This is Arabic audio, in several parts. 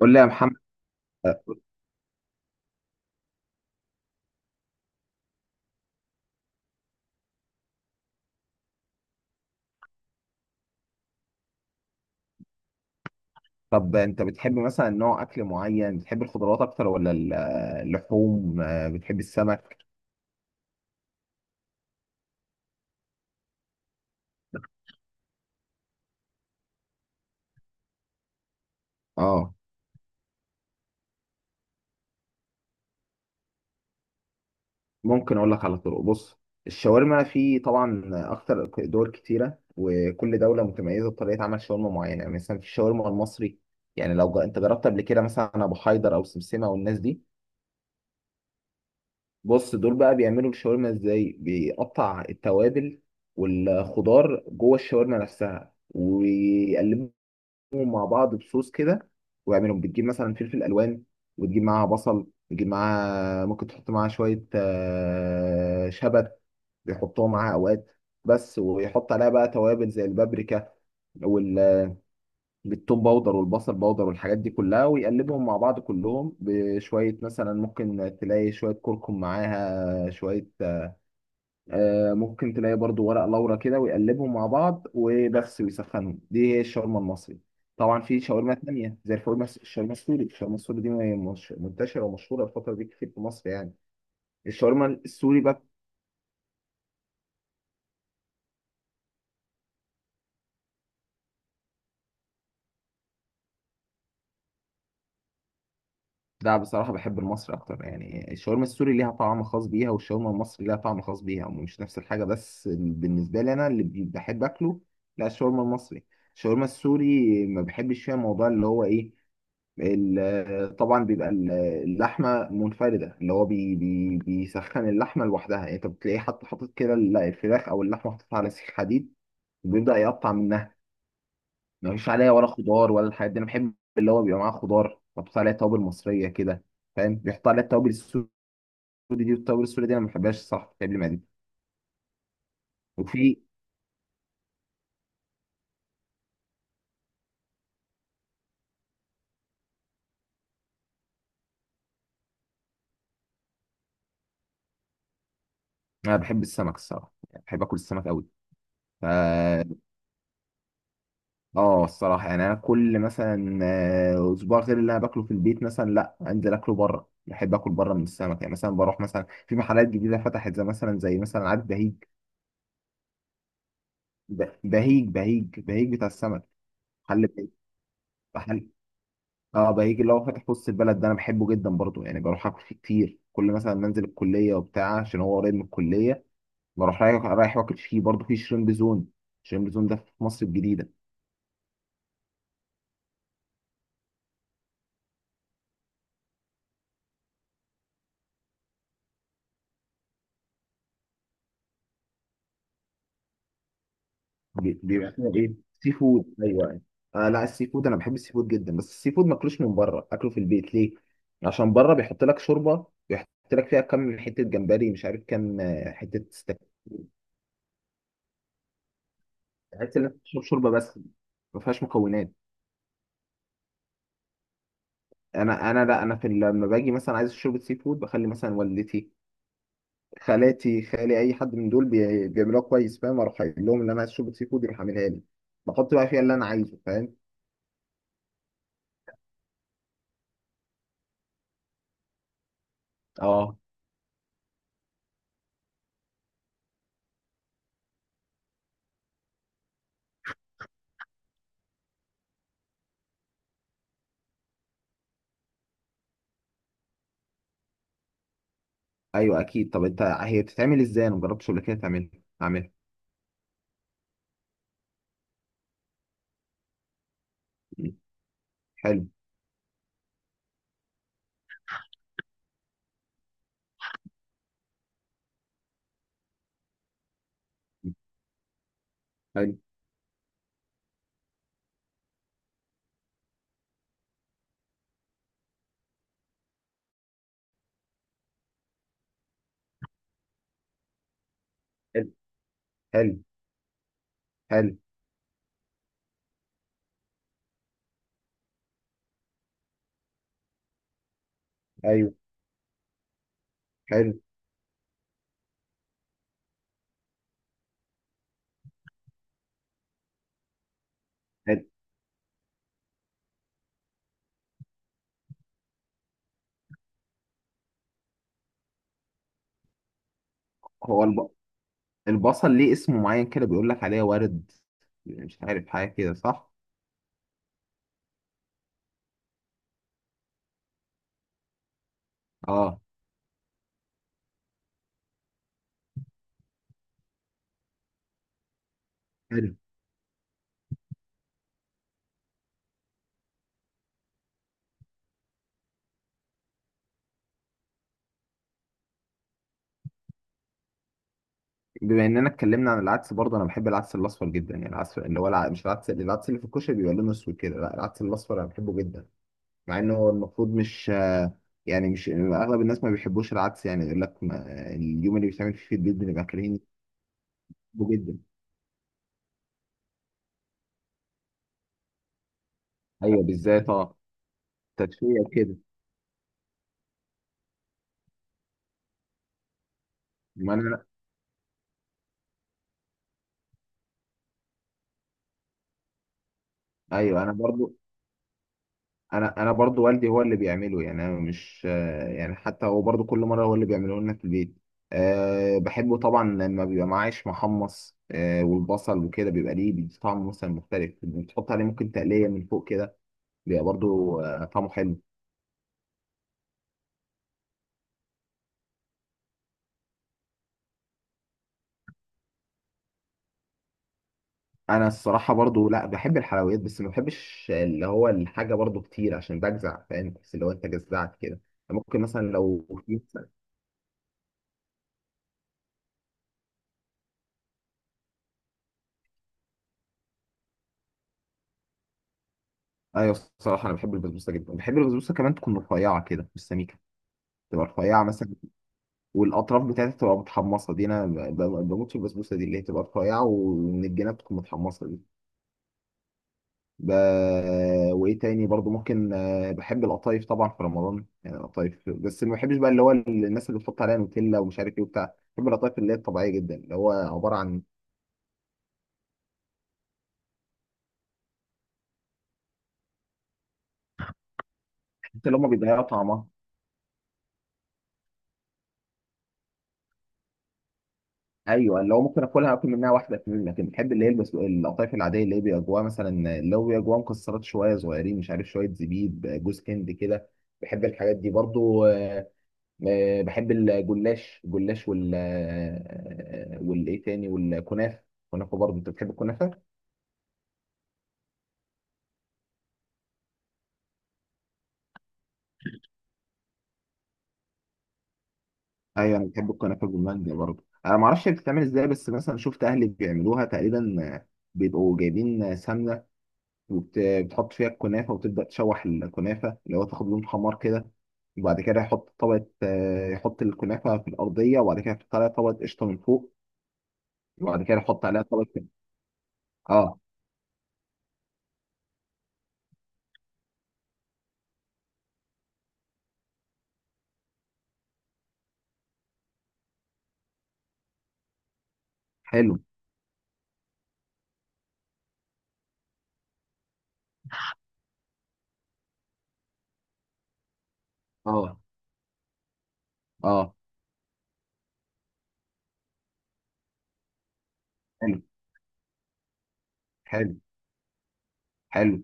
قول لي يا محمد. طب انت بتحب مثلا نوع اكل معين؟ بتحب الخضروات اكتر ولا اللحوم؟ بتحب السمك؟ اه، ممكن اقول لك على طرق. بص، الشاورما في طبعا اكتر دول كتيره، وكل دوله متميزه بطريقه عمل شاورما معينه. يعني مثلا في الشاورما المصري. يعني انت جربت قبل كده مثلا ابو حيدر او سمسمه والناس دي. بص، دول بقى بيعملوا الشاورما ازاي؟ بيقطع التوابل والخضار جوه الشاورما نفسها، ويقلبوا مع بعض بصوص كده. واعملهم بتجيب مثلا فلفل الوان، وتجيب معاها بصل، وتجيب معاها ممكن تحط معاها شويه شبت، بيحطوها معاها اوقات. بس ويحط عليها بقى توابل زي البابريكا والثوم باودر والبصل باودر والحاجات دي كلها، ويقلبهم مع بعض كلهم بشويه. مثلا ممكن تلاقي شويه كركم معاها شويه، ممكن تلاقي برضو ورق لورا كده، ويقلبهم مع بعض وبس ويسخنهم. دي هي الشاورما المصري. طبعا في شاورما تانية زي الشاورما السوري. الشاورما السوري دي مش... منتشرة ومشهورة الفترة دي كتير في مصر يعني. الشاورما السوري بقى، لا بصراحة بحب المصري أكتر. يعني الشاورما السوري ليها طعم خاص بيها، والشاورما المصري ليها طعم خاص بيها، مش نفس الحاجة. بس بالنسبة لي أنا اللي بحب أكله، لا الشاورما المصري. الشاورما السوري ما بحبش فيها موضوع اللي هو إيه؟ طبعا بيبقى اللحمه منفرده، اللي هو بي بي بيسخن اللحمه لوحدها. يعني انت بتلاقيه حتى حاطط كده الفراخ او اللحمه حاططها على سيخ حديد، وبيبدا يقطع منها. مفيش عليها ولا خضار ولا الحاجات دي. انا بحب اللي هو بيبقى معاه خضار، بحط عليها توابل مصريه كده. فاهم؟ بيحط عليها التوابل السوري دي، والتوابل السوري دي انا ما بحبهاش الصراحه، بتعمل لي معدتي. وفي. انا بحب السمك الصراحه، يعني بحب اكل السمك قوي. اه الصراحه، يعني انا كل مثلا اسبوع غير اللي انا باكله في البيت، مثلا لا انزل اكله بره. بحب اكل بره من السمك. يعني مثلا بروح مثلا في محلات جديده فتحت، زي مثلا زي مثلا عارف بهيج؟ بهيج بتاع السمك. محل بهيج. محل، اه بهيج اللي هو فاتح في وسط البلد ده، انا بحبه جدا برضه. يعني بروح اكل فيه كتير، كل مثلا منزل الكليه وبتاع عشان هو قريب من الكليه، بروح رايح رايح واكل فيه. برضه في شريمب زون، شريمب زون ده في مصر الجديده. بيبقى فيها ايه؟ سي فود، ايوه. آه لا، السي فود انا بحب السي فود جدا، بس السي فود ما اكلوش من بره، اكله في البيت. ليه؟ عشان بره بيحط لك شوربه، بيحط لك فيها كام حته جمبري، مش عارف كام، حته ستك. تحس انك بتشرب شوربه بس، ما فيهاش مكونات. انا انا لا انا في لما باجي مثلا عايز شوربه سي فود، بخلي مثلا والدتي، خالاتي، خالي، اي حد من دول بيعملوها كويس. فاهم؟ اروح قايل لهم ان انا عايز شوربه سي فود، يروح عاملها لي، بحط بقى فيها اللي انا عايزه. فاهم؟ اه، ايوه اكيد. طب انت هي بتتعمل ازاي؟ انا مجربتش قبل كده تعملها، اعملها. مم. حلو. حلو. حلو. حلو. حلو. ايوه. حلو. حلو. هو البصل ليه اسم معين كده، بيقول لك عليه ورد، مش عارف حاجه كده صح؟ اه. حلو. بما اننا اتكلمنا عن العدس، برضه انا بحب العدس الاصفر جدا. يعني العدس اللي هو مش العدس اللي في الكشري بيبقى لونه اسود كده، لا العدس الاصفر انا بحبه جدا. مع انه هو المفروض مش، يعني مش اغلب الناس ما بيحبوش العدس، يعني يقول لك ما... اليوم اللي بيتعمل فيه في البيت بنبقى كارهين. بحبه جدا. ايوه بالذات اه. تدفئه كده. ما انا. ايوه. انا برضو. انا برضو والدي هو اللي بيعمله. يعني انا مش، يعني حتى هو برضو كل مره هو اللي بيعمله لنا في البيت. أه بحبه طبعا لما بيبقى معاه عيش محمص، أه والبصل وكده بيبقى ليه بيدي طعم مثلا مختلف. بتحط عليه ممكن تقليه من فوق كده، بيبقى برضو طعمه حلو. انا الصراحه برضو لا بحب الحلويات، بس ما بحبش اللي هو الحاجه برضو كتير عشان بجزع، فاهم؟ بس اللي هو انت جزعت كده، ممكن مثلا لو ايوه الصراحه انا بحب البسبوسه جدا، بحب البسبوسه كمان تكون رفيعه كده مش سميكه، تبقى رفيعه مثلا، والاطراف بتاعتها تبقى متحمصه دي، انا بموت في البسبوسه دي اللي هي تبقى رفيعه ومن الجناب تكون متحمصه دي. ب... وايه تاني؟ برضو ممكن، بحب القطايف طبعا في رمضان، يعني القطايف. بس ما بحبش بقى اللي هو الناس اللي بتحط عليها نوتيلا ومش عارف ايه وبتاع، بحب القطايف اللي هي الطبيعيه جدا اللي هو عباره عن. اللي هم بيضيعوا طعمها. ايوه اللي هو ممكن اكلها، اكل منها واحده اتنين، لكن بحب اللي هي القطايف العاديه اللي هي بيبقى جواها مثلا، اللي هو بيبقى جواها مكسرات شويه صغيرين، مش عارف شويه زبيب، جوز هند كده. بحب الحاجات دي برضو. بحب الجلاش. والايه تاني، والكنافه. الكنافه برضو، انت بتحب الكنافه؟ ايوه انا بحب الكنافه بالمانجا برضو. انا ما اعرفش بتتعمل ازاي، بس مثلا شفت اهلي بيعملوها تقريبا، بيبقوا جايبين سمنه، وبتحط فيها الكنافه، وتبدا تشوح الكنافه اللي هو تاخد لون حمار كده. وبعد كده يحط طبقه، يحط الكنافه في الارضيه، وبعد كده يحط عليها طبقه قشطه من فوق، وبعد كده يحط عليها طبقه. اه. حلو. اه. اه. حلو. حلو. حلو.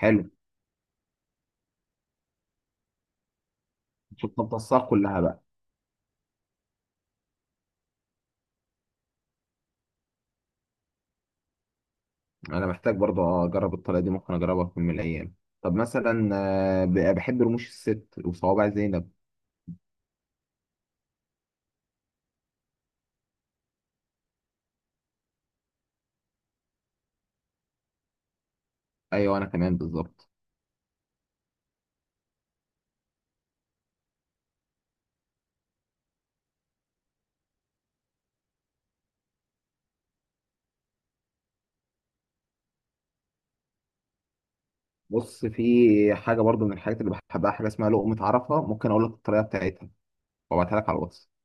حلو. شفت الطاسات كلها بقى. انا محتاج برضه اجرب الطريقه دي، ممكن اجربها في يوم من الايام. طب مثلا، بحب رموش الست وصوابع زينب. ايوه انا كمان بالظبط. بص في حاجه برضو من الحاجات اللي بحبها، حاجه اسمها لقمه عرفه. ممكن اقول لك الطريقه بتاعتها وابعتها لك على الواتس.